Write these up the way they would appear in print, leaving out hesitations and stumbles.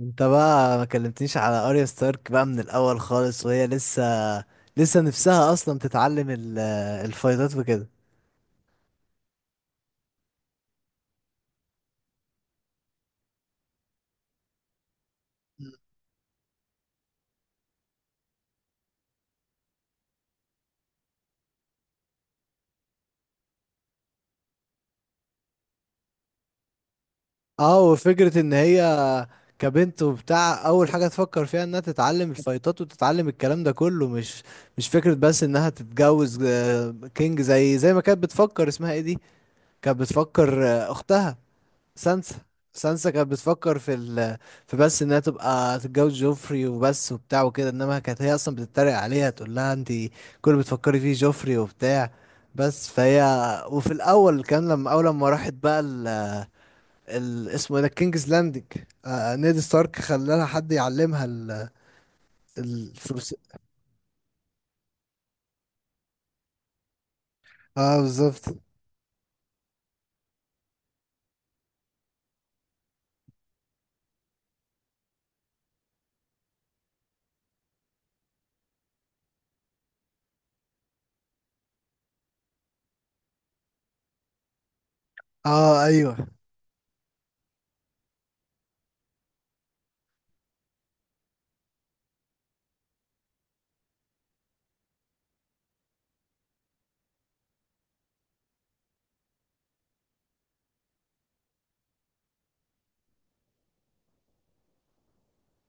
انت بقى ما كلمتنيش على اريا ستارك بقى من الاول خالص، وهي لسه نفسها اصلا تتعلم الفايتات وكده. اه، وفكرة ان هي كبنت وبتاع اول حاجة تفكر فيها انها تتعلم الفايتات وتتعلم الكلام ده كله، مش فكرة بس انها تتجوز، كينج، زي ما كانت بتفكر اسمها ايه دي. كانت بتفكر، اختها سانسا. سانسا كانت بتفكر في، بس انها تبقى تتجوز جوفري وبس وبتاع وكده، انما كانت هي اصلا بتتريق عليها تقول لها: انت كل اللي بتفكري فيه جوفري وبتاع، بس. فهي، وفي الاول، كان لما اول ما راحت بقى اسمه ايه ده، كينجز لاندنج، نيد ستارك خلى لها حد يعلمها الفرس. اه، بالظبط. اه، ايوه.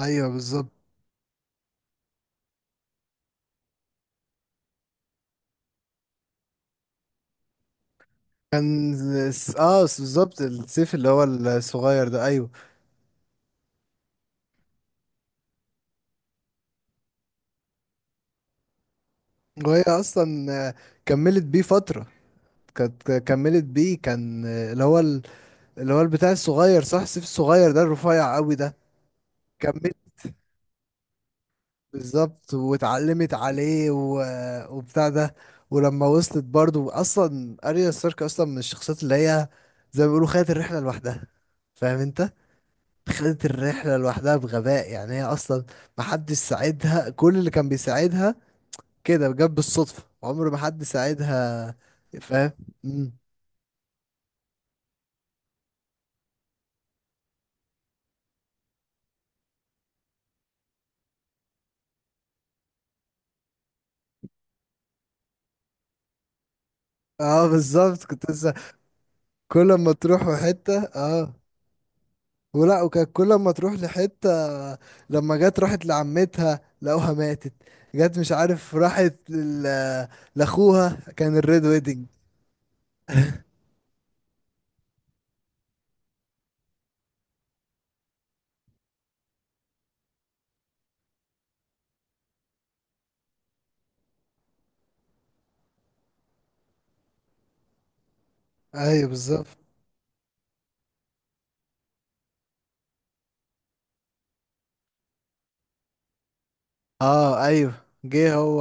ايوه، بالظبط كان. اه، بالظبط، السيف اللي هو الصغير ده، ايوه. وهي اصلا كملت بيه فتره. كانت كملت بيه، كان، اللي هو البتاع الصغير، صح؟ السيف الصغير ده الرفيع قوي ده. كملت، بالظبط، واتعلمت عليه وبتاع ده. ولما وصلت برضو، اصلا اريا ستارك اصلا من الشخصيات اللي هي، زي ما بيقولوا، خدت الرحله لوحدها. فاهم انت؟ خدت الرحله لوحدها بغباء. يعني هي اصلا محدش ساعدها، كل اللي كان بيساعدها كده جت بالصدفه، عمر ما حد ساعدها. فاهم؟ اه، بالظبط كنت لسه. كل ما تروح حته، اه، ولا، وكانت كل ما تروح لحته، لما جت راحت لعمتها لقوها ماتت. جت، مش عارف، راحت لاخوها، كان الريد ويدنج. ايوه، بالظبط. اه، ايوه. جه هو.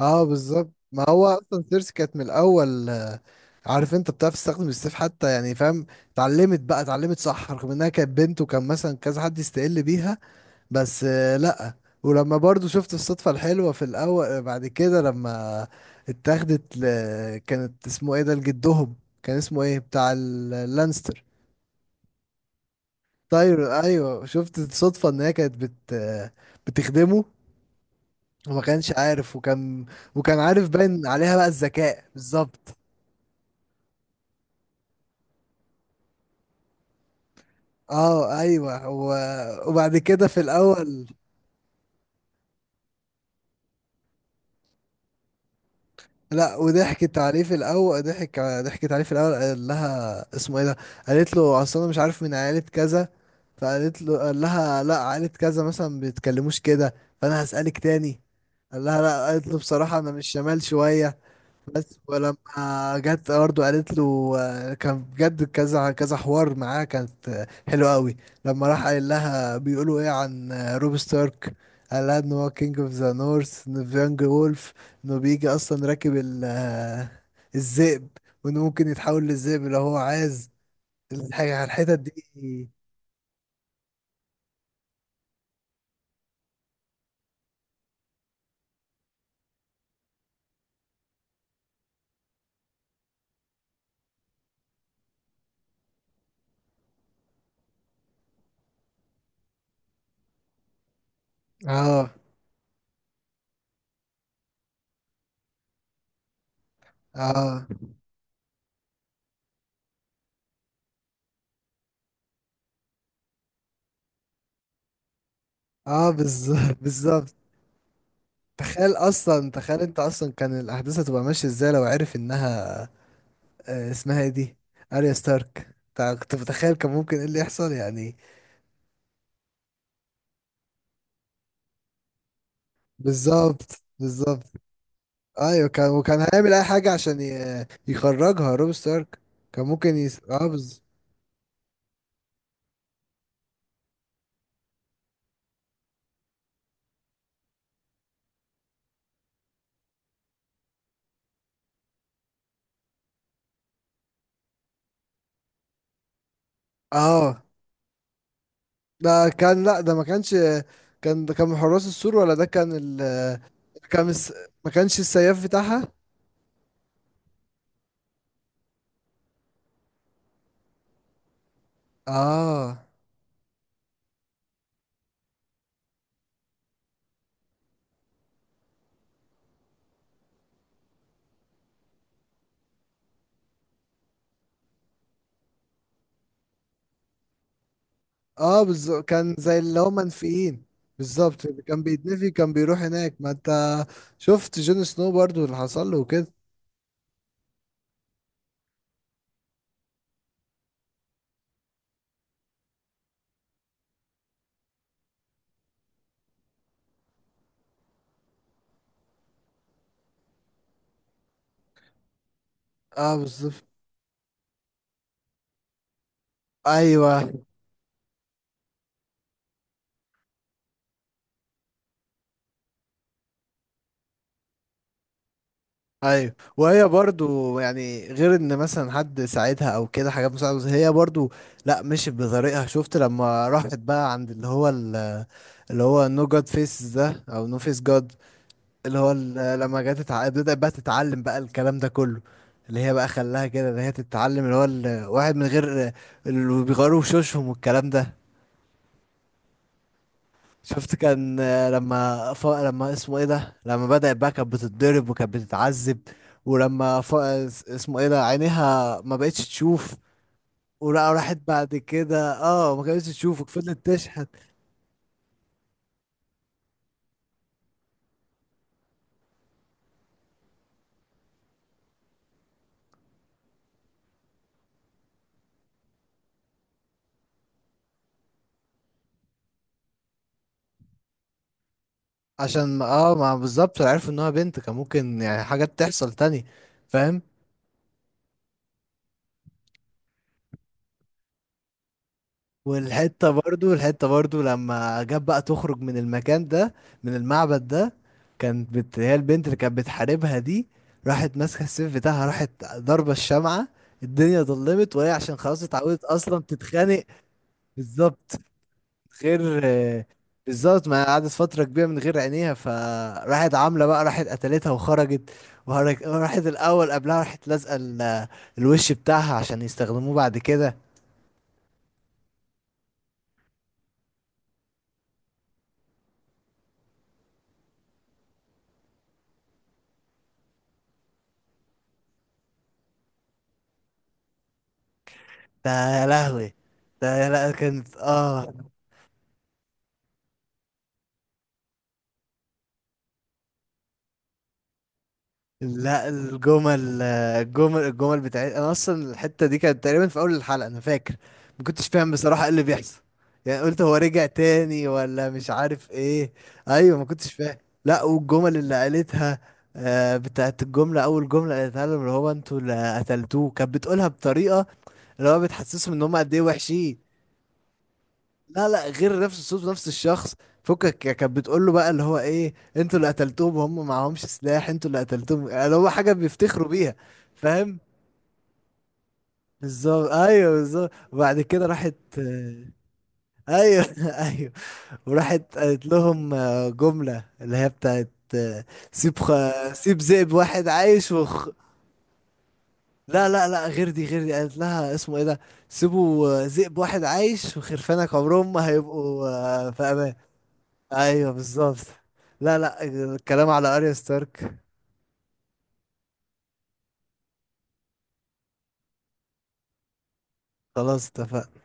اه، بالظبط، ما هو اصلا سيرسي كانت من الاول، عارف، انت بتعرف تستخدم السيف حتى، يعني فاهم. اتعلمت بقى، اتعلمت، صح؟ رغم انها كانت بنت، وكان مثلا كذا حد يستقل بيها، بس لأ. ولما برضو شفت الصدفة الحلوة في الأول بعد كده، لما اتاخدت كانت اسمه ايه ده، لجدهم. كان اسمه ايه بتاع اللانستر. طير، ايوه. شفت الصدفة ان هي كانت بت... آه، بتخدمه وما كانش عارف، وكان عارف، باين عليها بقى الذكاء، بالظبط. اه، ايوه وبعد كده في الأول. لا، وضحكت عليه في الاول ضحك ضحكت عليه في الاول. قال لها اسمه ايه ده. قالت له: اصل انا مش عارف من عائله كذا. فقالت له، قال لها: لا، عائله كذا مثلا بيتكلموش كده، فانا هسالك تاني. قال لها: لا. قالت له: بصراحه انا مش شمال شويه، بس. ولما جت برضه قالت له، كان بجد كذا كذا حوار معاه، كانت حلوه قوي. لما راح قال لها: بيقولوا ايه عن روب ستارك؟ قال لها ان هو كينج اوف ذا نورث ان فيانج وولف، انه بيجي اصلا راكب الذئب، وانه ممكن يتحول للذئب لو هو عايز، الحاجه الحتت دي. اه، اه، اه، بالظبط، بالظبط. تخيل انت اصلا، كان الاحداث هتبقى ماشيه ازاي لو عرف انها، اسمها ايه دي، اريا ستارك؟ كنت متخيل كان ممكن ايه اللي يحصل، يعني. بالظبط، بالظبط. ايوه، وكان هيعمل اي حاجه عشان يخرجها روب ستارك. كان ممكن اه، ده كان، لا، ده ما كانش. ده كان من حراس السور، ولا ده كان كان الس... ما كانش السياف بتاعها. اه، اه، بالظبط، كان زي اللي هم منفيين. بالظبط، اللي كان بيتنفي كان بيروح هناك، ما انت شفت جون سنو برضو اللي حصل له وكده. اه، بالظبط. ايوه، ايوه. وهي برضو يعني، غير ان مثلا حد ساعدها او كده، حاجات مساعده، هي برضو لا، مشيت بطريقها. شفت لما راحت بقى عند اللي هو اللي هو نو جاد فيس ده، او نو فيس جاد، بدأت بقى تتعلم بقى الكلام ده كله، اللي هي بقى خلاها كده، اللي هي تتعلم اللي هو الواحد من غير اللي بيغيروا وشوشهم والكلام ده. شفت، كان لما لما اسمه ايه ده، لما بدأت بقى كانت بتتضرب وكانت بتتعذب، ولما اسمه ايه ده، عينيها ما بقتش تشوف، ولا راحت بعد كده، ما كانتش تشوف، وفضلت تشحت. عشان ما بالظبط عرفوا ان هو بنت كان ممكن يعني حاجات تحصل تاني، فاهم؟ والحتة برضو، الحتة برضو لما جاب بقى تخرج من المكان ده، من المعبد ده، كانت هي البنت اللي كانت بتحاربها دي، راحت ماسكة السيف بتاعها، راحت ضربة الشمعة، الدنيا ضلمت، وهي عشان خلاص اتعودت اصلا تتخانق. بالظبط. غير، بالظبط، ما قعدت فترة كبيرة من غير عينيها، فراحت عاملة بقى، راحت قتلتها وخرجت. راحت الأول، قبلها راحت لازقة الوش بتاعها عشان يستخدموه بعد كده. ده، يا لهوي! ده، يا، لا كانت، اه. لا، الجمل بتاعت، انا اصلا الحته دي كانت تقريبا في اول الحلقه، انا فاكر ما كنتش فاهم بصراحه ايه اللي بيحصل. يعني قلت هو رجع تاني، ولا مش عارف ايه. ايوه، ما كنتش فاهم. لا، والجمل اللي قالتها، بتاعت الجمله، اول جمله قالتها لهم اللي هو: انتوا اللي قتلتوه، كانت بتقولها بطريقه اللي هو بتحسسهم ان هم قد ايه وحشين. لا، لا، غير نفس الصوت ونفس الشخص. فكك كانت بتقول له بقى اللي هو ايه: انتوا اللي قتلتوهم، هم معهمش سلاح، انتوا اللي قتلتوهم. يعني هو حاجه بيفتخروا بيها، فاهم؟ بالظبط، ايوه، بالظبط. وبعد كده راحت ايوه، ايوه. وراحت قالت لهم، جمله اللي هي بتاعت، سيب سيب ذئب واحد عايش لا، لا، لا، غير دي، غير دي. قالت لها اسمه ايه ده: سيبوا، ذئب واحد عايش وخرفانك عمرهم ما هيبقوا، في امان. ايوه، بالظبط. لا، لا، الكلام على اريا ستارك، خلاص، اتفقنا.